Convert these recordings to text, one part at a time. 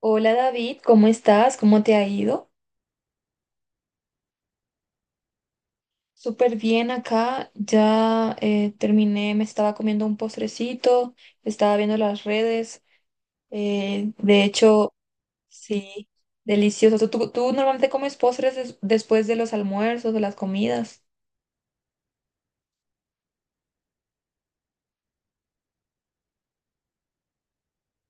Hola David, ¿cómo estás? ¿Cómo te ha ido? Súper bien acá, ya terminé, me estaba comiendo un postrecito, estaba viendo las redes, de hecho, sí, delicioso. ¿Tú normalmente comes postres después de los almuerzos, o las comidas?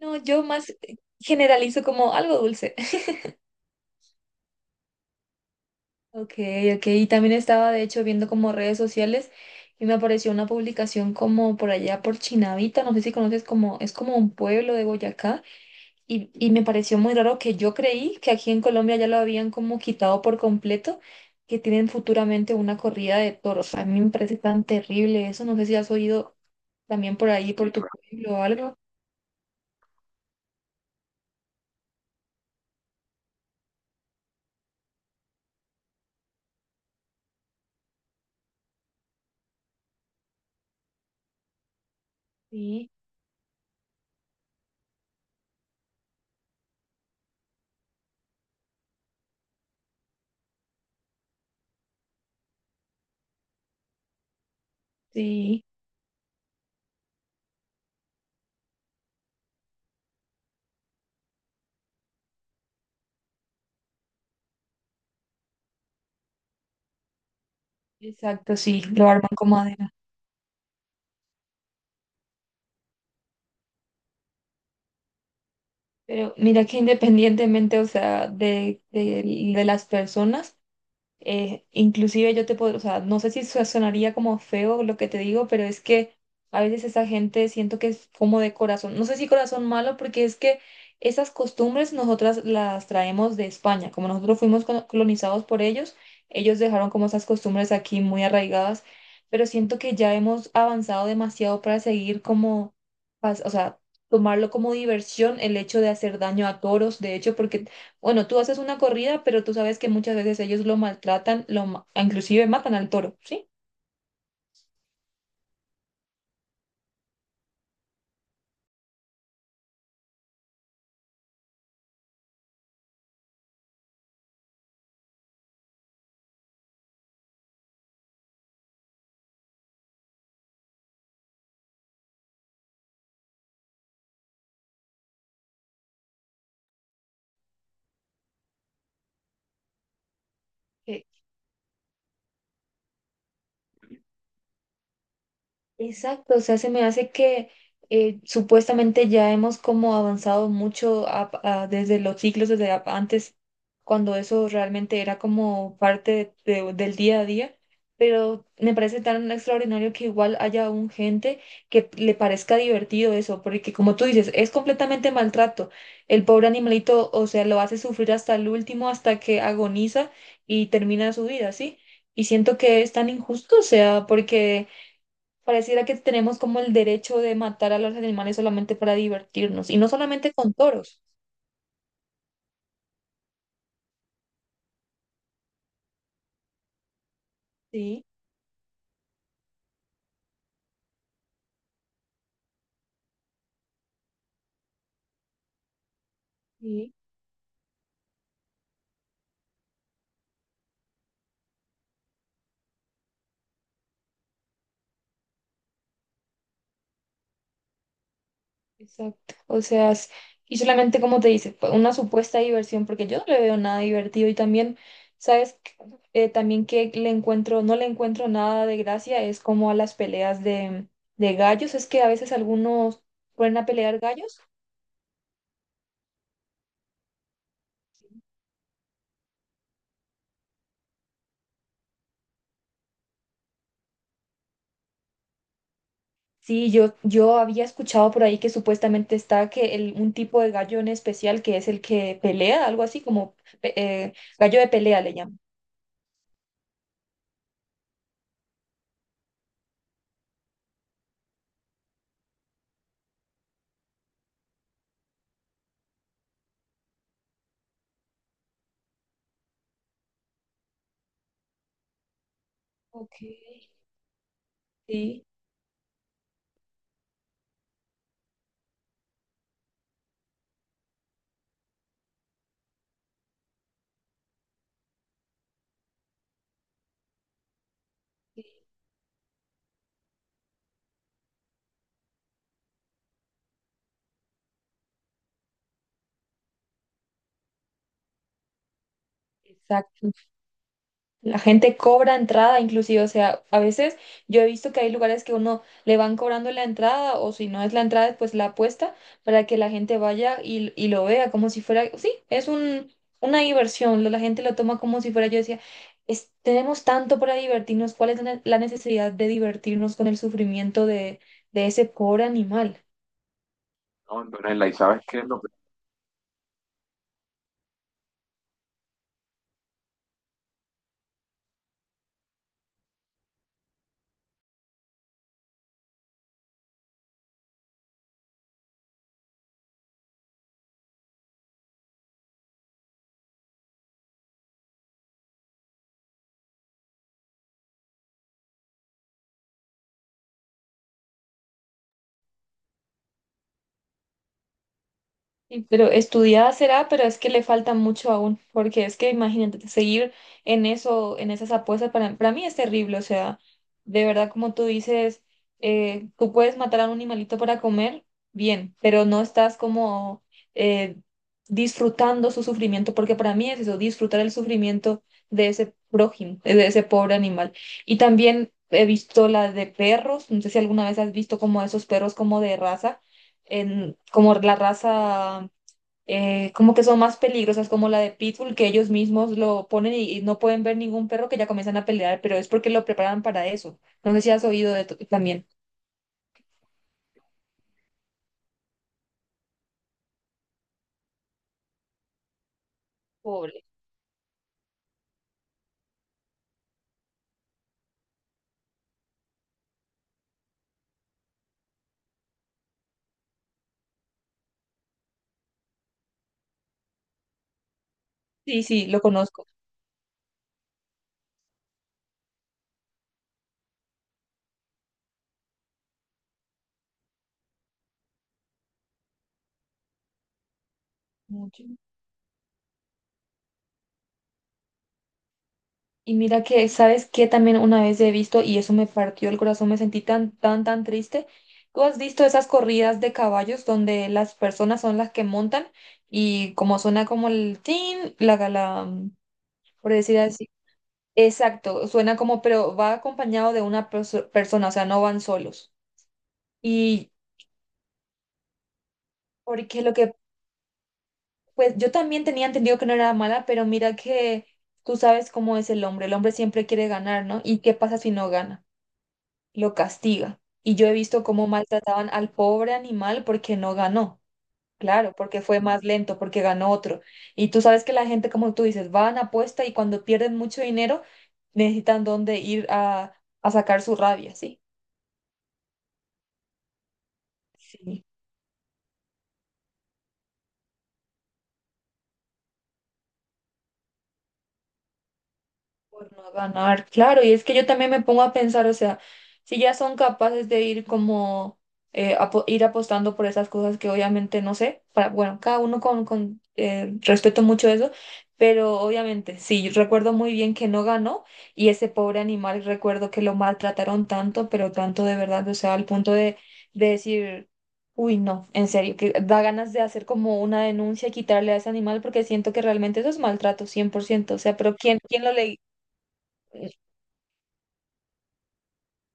No, yo más generalizo como algo dulce. Ok, ok, y también estaba de hecho viendo como redes sociales y me apareció una publicación como por allá por Chinavita, no sé si conoces como, es como un pueblo de Boyacá. Y me pareció muy raro que yo creí que aquí en Colombia ya lo habían como quitado por completo, que tienen futuramente una corrida de toros. A mí me parece tan terrible eso. No sé si has oído también por ahí, por tu pueblo o algo. Sí, sí, exacto, sí, lo arman con madera. Pero mira que independientemente, o sea, de las personas. Inclusive yo te puedo, o sea, no sé si sonaría como feo lo que te digo, pero es que a veces esa gente siento que es como de corazón, no sé si corazón malo, porque es que esas costumbres nosotras las traemos de España, como nosotros fuimos colonizados por ellos, ellos dejaron como esas costumbres aquí muy arraigadas, pero siento que ya hemos avanzado demasiado para seguir como, o sea, tomarlo como diversión el hecho de hacer daño a toros, de hecho, porque bueno, tú haces una corrida, pero tú sabes que muchas veces ellos lo maltratan, inclusive matan al toro, ¿sí? Que Exacto, o sea, se me hace que supuestamente ya hemos como avanzado mucho desde los siglos, desde antes, cuando eso realmente era como parte del día a día, pero me parece tan extraordinario que igual haya aún gente que le parezca divertido eso, porque como tú dices, es completamente maltrato. El pobre animalito, o sea, lo hace sufrir hasta el último, hasta que agoniza y termina su vida, ¿sí? Y siento que es tan injusto, o sea, porque... Pareciera que tenemos como el derecho de matar a los animales solamente para divertirnos, y no solamente con toros. Sí, sí, exacto. O sea, y solamente como te dice, fue una supuesta diversión, porque yo no le veo nada divertido y también, ¿sabes qué? También que le encuentro, no le encuentro nada de gracia, es como a las peleas de gallos, es que a veces algunos ponen a pelear gallos. Sí, yo había escuchado por ahí que supuestamente está que el, un tipo de gallo en especial que es el que pelea, algo así como pe- eh, gallo de pelea le llaman. Ok. Sí, exacto. La gente cobra entrada, inclusive, o sea, a veces yo he visto que hay lugares que uno le van cobrando la entrada o si no es la entrada, pues la apuesta para que la gente vaya y lo vea como si fuera, sí, es un, una diversión, la gente lo toma como si fuera, yo decía, tenemos tanto para divertirnos, ¿cuál es la necesidad de divertirnos con el sufrimiento de ese pobre animal? No, Antonella, ¿y sabes qué es lo pero estudiada será, pero es que le falta mucho aún, porque es que imagínate, seguir en eso, en esas apuestas, para mí es terrible, o sea, de verdad, como tú dices, tú puedes matar a un animalito para comer, bien, pero no estás como eh, disfrutando su sufrimiento, porque para mí es eso, disfrutar el sufrimiento de ese prójimo, de ese pobre animal. Y también he visto la de perros, no sé si alguna vez has visto como esos perros como de raza, en, como la raza como que son más peligrosas, como la de Pitbull, que ellos mismos lo ponen y no pueden ver ningún perro que ya comienzan a pelear, pero es porque lo preparan para eso. No sé si has oído de también. Pobre. Sí, sí, lo conozco mucho. Y mira que, ¿sabes qué? También una vez he visto, y eso me partió el corazón, me sentí tan, tan, tan triste. ¿Tú has visto esas corridas de caballos donde las personas son las que montan y como suena como el tin, la, por decir así? Exacto, suena como, pero va acompañado de una persona, o sea, no van solos. Y porque lo que, pues yo también tenía entendido que no era mala, pero mira que tú sabes cómo es el hombre siempre quiere ganar, ¿no? ¿Y qué pasa si no gana? Lo castiga. Y yo he visto cómo maltrataban al pobre animal porque no ganó, claro, porque fue más lento, porque ganó otro. Y tú sabes que la gente, como tú dices, van, apuesta y cuando pierden mucho dinero, necesitan dónde ir a sacar su rabia, ¿sí? Sí, por no ganar, claro, y es que yo también me pongo a pensar, o sea, si ya son capaces de ir como, ir apostando por esas cosas que obviamente no sé, para, bueno, cada uno con respeto mucho eso, pero obviamente, sí, yo recuerdo muy bien que no ganó y ese pobre animal, recuerdo que lo maltrataron tanto, pero tanto de verdad, o sea, al punto de decir, uy, no, en serio, que da ganas de hacer como una denuncia y quitarle a ese animal porque siento que realmente eso es maltrato, 100%, o sea, pero ¿quién, quién lo le eh,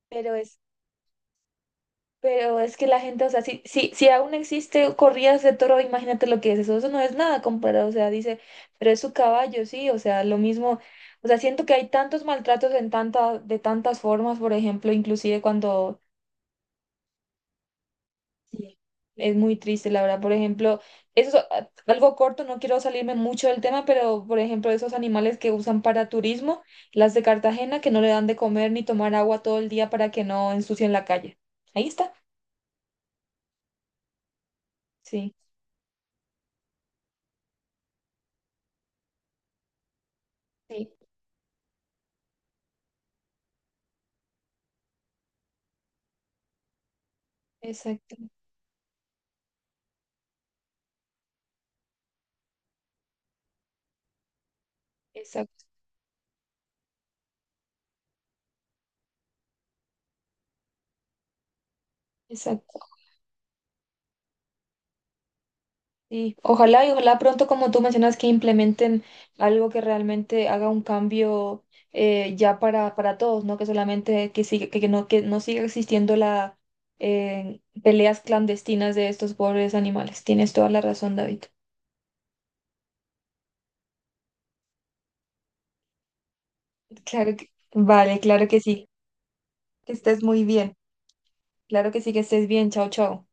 pero es, pero es que la gente, o sea, si aún existe corridas de toro, imagínate lo que es eso, eso no es nada comparado, o sea, dice, pero es su caballo, sí, o sea, lo mismo, o sea, siento que hay tantos maltratos en tanta, de tantas formas, por ejemplo, inclusive cuando sí, es muy triste, la verdad, por ejemplo, eso es algo corto, no quiero salirme mucho del tema, pero por ejemplo, esos animales que usan para turismo, las de Cartagena, que no le dan de comer ni tomar agua todo el día para que no ensucien la calle. Ahí está. Sí. Sí. Exacto, exacto, exacto. Y ojalá pronto, como tú mencionas, que implementen algo que realmente haga un cambio ya para todos, ¿no? Que solamente que siga, que no siga existiendo la peleas clandestinas de estos pobres animales. Tienes toda la razón, David. Claro que, vale, claro que sí. Que estés muy bien. Claro que sí, que estés bien. Chao, chao.